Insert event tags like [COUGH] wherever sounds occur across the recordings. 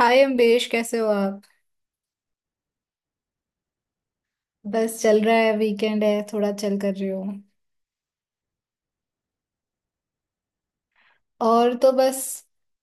हाय अम्बेश, कैसे हो आप। बस चल रहा है, वीकेंड है, थोड़ा चल कर रही हूँ। और तो बस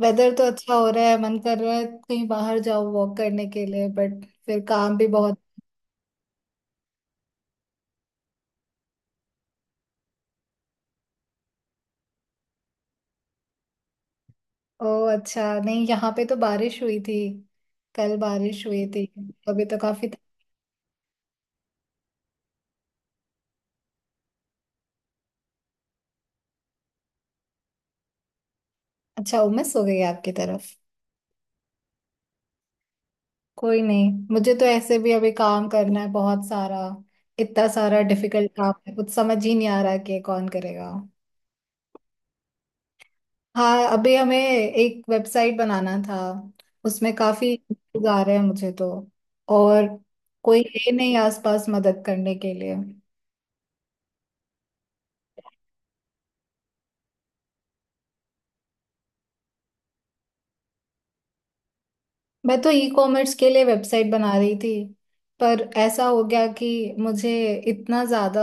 वेदर तो अच्छा हो रहा है, मन कर रहा है कहीं बाहर जाओ वॉक करने के लिए, बट फिर काम भी बहुत। ओह अच्छा, नहीं यहाँ पे तो बारिश हुई थी, कल बारिश हुई थी। अभी तो काफी। अच्छा, उमस हो गई है आपकी तरफ। कोई नहीं, मुझे तो ऐसे भी अभी काम करना है बहुत सारा। इतना सारा डिफिकल्ट काम है, कुछ समझ ही नहीं आ रहा कि ये कौन करेगा। हाँ अभी हमें एक वेबसाइट बनाना था, उसमें काफी issues आ रहे हैं मुझे तो। और कोई है नहीं आसपास मदद करने के लिए। मैं तो ई कॉमर्स के लिए वेबसाइट बना रही थी, पर ऐसा हो गया कि मुझे इतना ज्यादा।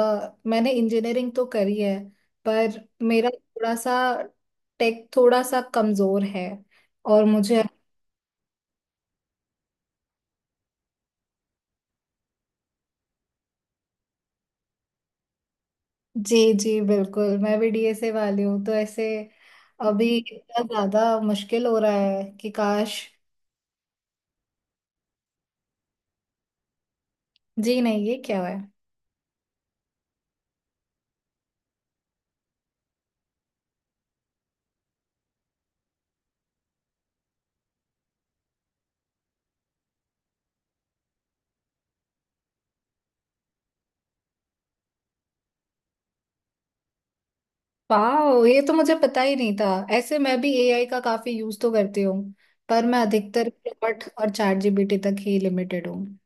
मैंने इंजीनियरिंग तो करी है पर मेरा थोड़ा सा टेक थोड़ा सा कमजोर है। और मुझे, जी जी बिल्कुल, मैं भी डीएसए वाली हूँ, तो ऐसे अभी इतना ज्यादा मुश्किल हो रहा है कि काश। जी नहीं, ये क्या है। वाओ, ये तो मुझे पता ही नहीं था। ऐसे मैं भी एआई का काफी यूज तो करती हूँ, पर मैं अधिकतर क्लॉट और चैट जीपीटी तक ही लिमिटेड हूँ।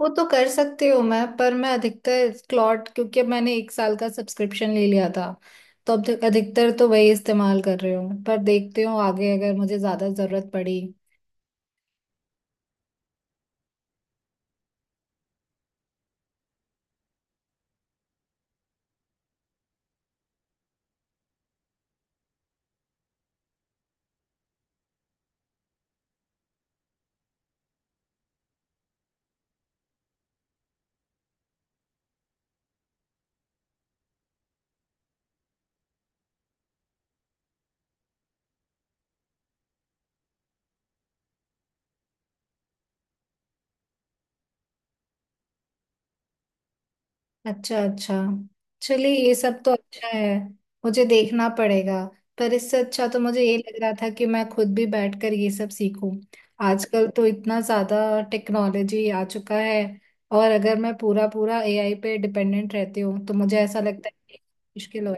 वो तो कर सकती हूँ मैं, पर मैं अधिकतर क्लॉट, क्योंकि अब मैंने एक साल का सब्सक्रिप्शन ले लिया था, तो अब अधिकतर तो वही इस्तेमाल कर रही हूँ। पर देखती हूँ आगे अगर मुझे ज्यादा जरूरत पड़ी। अच्छा अच्छा, चलिए ये सब तो अच्छा है। मुझे देखना पड़ेगा। पर इससे अच्छा तो मुझे ये लग रहा था कि मैं खुद भी बैठकर ये सब सीखूं। आजकल तो इतना ज़्यादा टेक्नोलॉजी आ चुका है, और अगर मैं पूरा पूरा एआई पे डिपेंडेंट रहती हूँ तो मुझे ऐसा लगता है कि मुश्किल हो।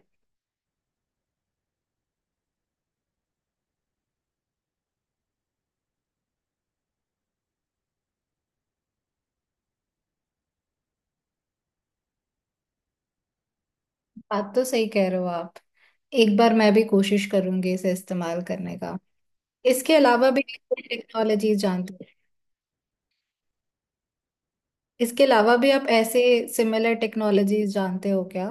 बात तो सही कह रहे हो आप। एक बार मैं भी कोशिश करूंगी इसे इस्तेमाल करने का। इसके अलावा भी टेक्नोलॉजी जानते हो। इसके अलावा भी आप ऐसे सिमिलर टेक्नोलॉजीज जानते हो क्या।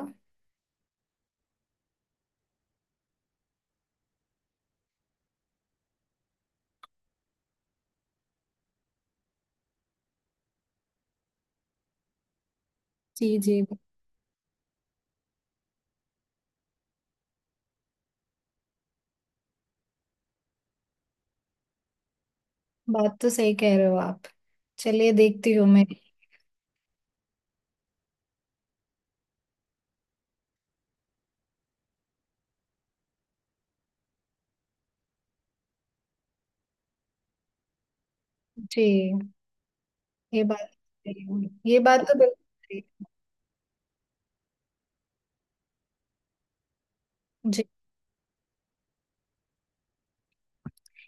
जी जी। बात तो सही कह रहे हो आप। चलिए देखती हूँ मैं। जी। ये बात तो सही है। ये बात तो बिल्कुल सही है। जी।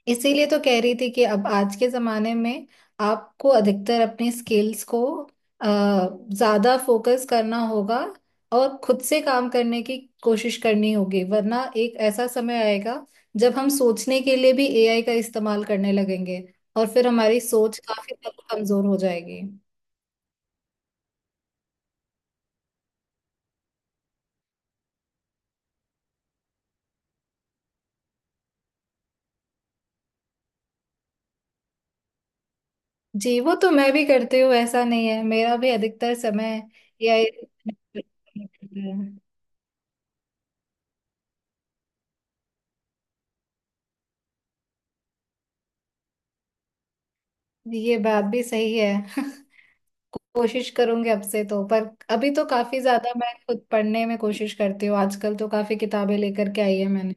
इसीलिए तो कह रही थी कि अब आज के जमाने में आपको अधिकतर अपने स्किल्स को अ, ज्यादा फोकस करना होगा, और खुद से काम करने की कोशिश करनी होगी, वरना एक ऐसा समय आएगा जब हम सोचने के लिए भी एआई का इस्तेमाल करने लगेंगे, और फिर हमारी सोच काफी हद तक कमजोर हो जाएगी। जी वो तो मैं भी करती हूँ, ऐसा नहीं है, मेरा भी अधिकतर समय या ये [LAUGHS] बात भी सही है। [LAUGHS] कोशिश करूंगी अब से तो, पर अभी तो काफी ज्यादा मैं खुद पढ़ने में कोशिश करती हूँ। आजकल तो काफी किताबें लेकर के आई है मैंने।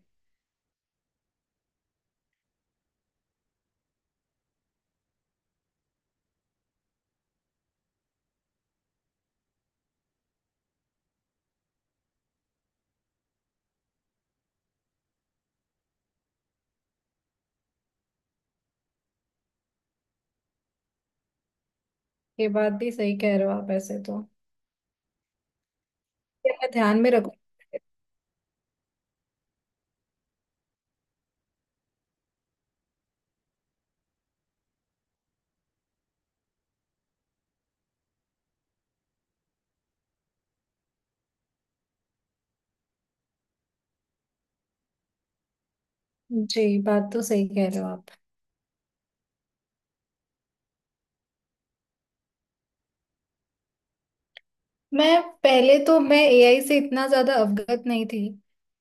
ये बात भी सही कह रहे हो आप, ऐसे तो ये मैं ध्यान में रखूंगी। जी, बात तो सही कह रहे हो आप। मैं पहले, तो मैं एआई से इतना ज्यादा अवगत नहीं थी,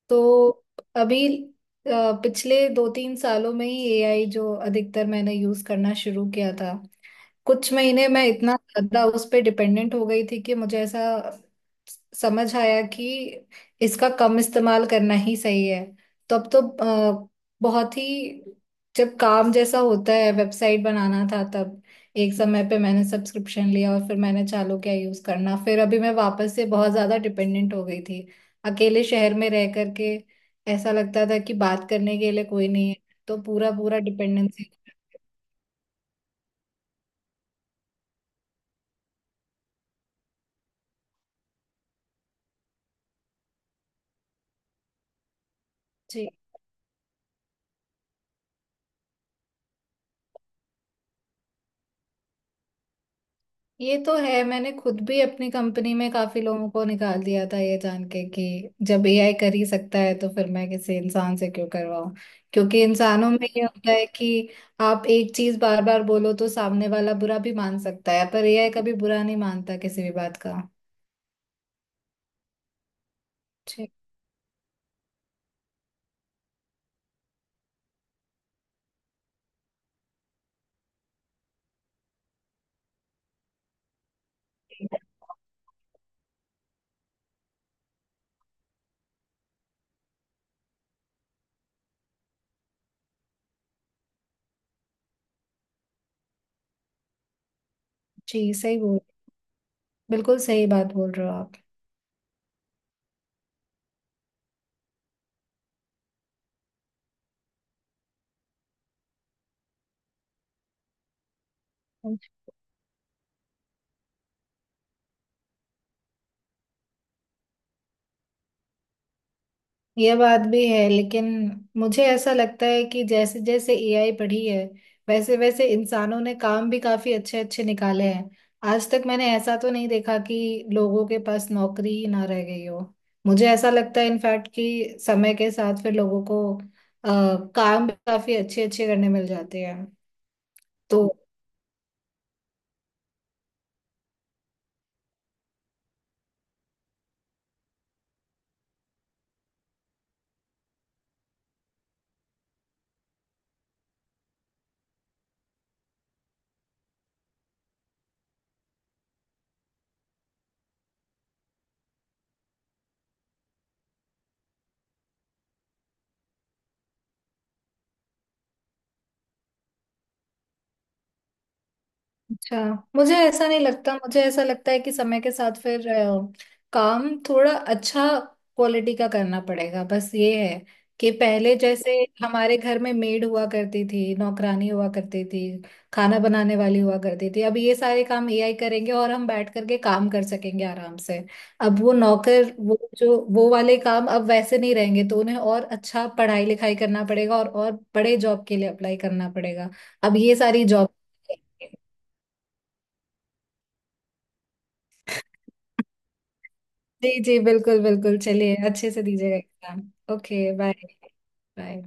तो अभी अ, पिछले दो तीन सालों में ही एआई जो अधिकतर मैंने यूज करना शुरू किया था। कुछ महीने मैं इतना ज्यादा उस पे डिपेंडेंट हो गई थी कि मुझे ऐसा समझ आया कि इसका कम इस्तेमाल करना ही सही है। तो अब तो अ, बहुत ही, जब काम जैसा होता है वेबसाइट बनाना था तब एक समय पे मैंने सब्सक्रिप्शन लिया और फिर मैंने चालू किया यूज करना, फिर अभी मैं वापस से बहुत ज्यादा डिपेंडेंट हो गई थी। अकेले शहर में रह करके ऐसा लगता था कि बात करने के लिए कोई नहीं है, तो पूरा पूरा डिपेंडेंसी। ये तो है, मैंने खुद भी अपनी कंपनी में काफी लोगों को निकाल दिया था, ये जान के कि जब एआई कर ही सकता है तो फिर मैं किसी इंसान से क्यों करवाऊं। क्योंकि इंसानों में ये होता है कि आप एक चीज बार बार बोलो तो सामने वाला बुरा भी मान सकता है, पर एआई कभी बुरा नहीं मानता किसी भी बात का। जी जी, सही बोल, बिल्कुल सही बात बोल रहे हो आप। ये बात भी है, लेकिन मुझे ऐसा लगता है कि जैसे जैसे एआई बढ़ी है, वैसे वैसे इंसानों ने काम भी काफी अच्छे अच्छे निकाले हैं। आज तक मैंने ऐसा तो नहीं देखा कि लोगों के पास नौकरी ही ना रह गई हो। मुझे ऐसा लगता है इनफैक्ट कि समय के साथ फिर लोगों को अ, काम भी काफी अच्छे अच्छे करने मिल जाते हैं तो। अच्छा, मुझे ऐसा नहीं लगता, मुझे ऐसा लगता है कि समय के साथ फिर काम थोड़ा अच्छा क्वालिटी का करना पड़ेगा। बस ये है कि पहले जैसे हमारे घर में मेड हुआ करती थी, नौकरानी हुआ करती थी, खाना बनाने वाली हुआ करती थी, अब ये सारे काम एआई करेंगे और हम बैठ करके काम कर सकेंगे आराम से। अब वो नौकर, वो जो वो वाले काम अब वैसे नहीं रहेंगे, तो उन्हें और अच्छा पढ़ाई लिखाई करना पड़ेगा और बड़े जॉब के लिए अप्लाई करना पड़ेगा। अब ये सारी जॉब। जी जी बिल्कुल बिल्कुल, चलिए अच्छे से दीजिएगा एग्जाम। Okay bye. बाय।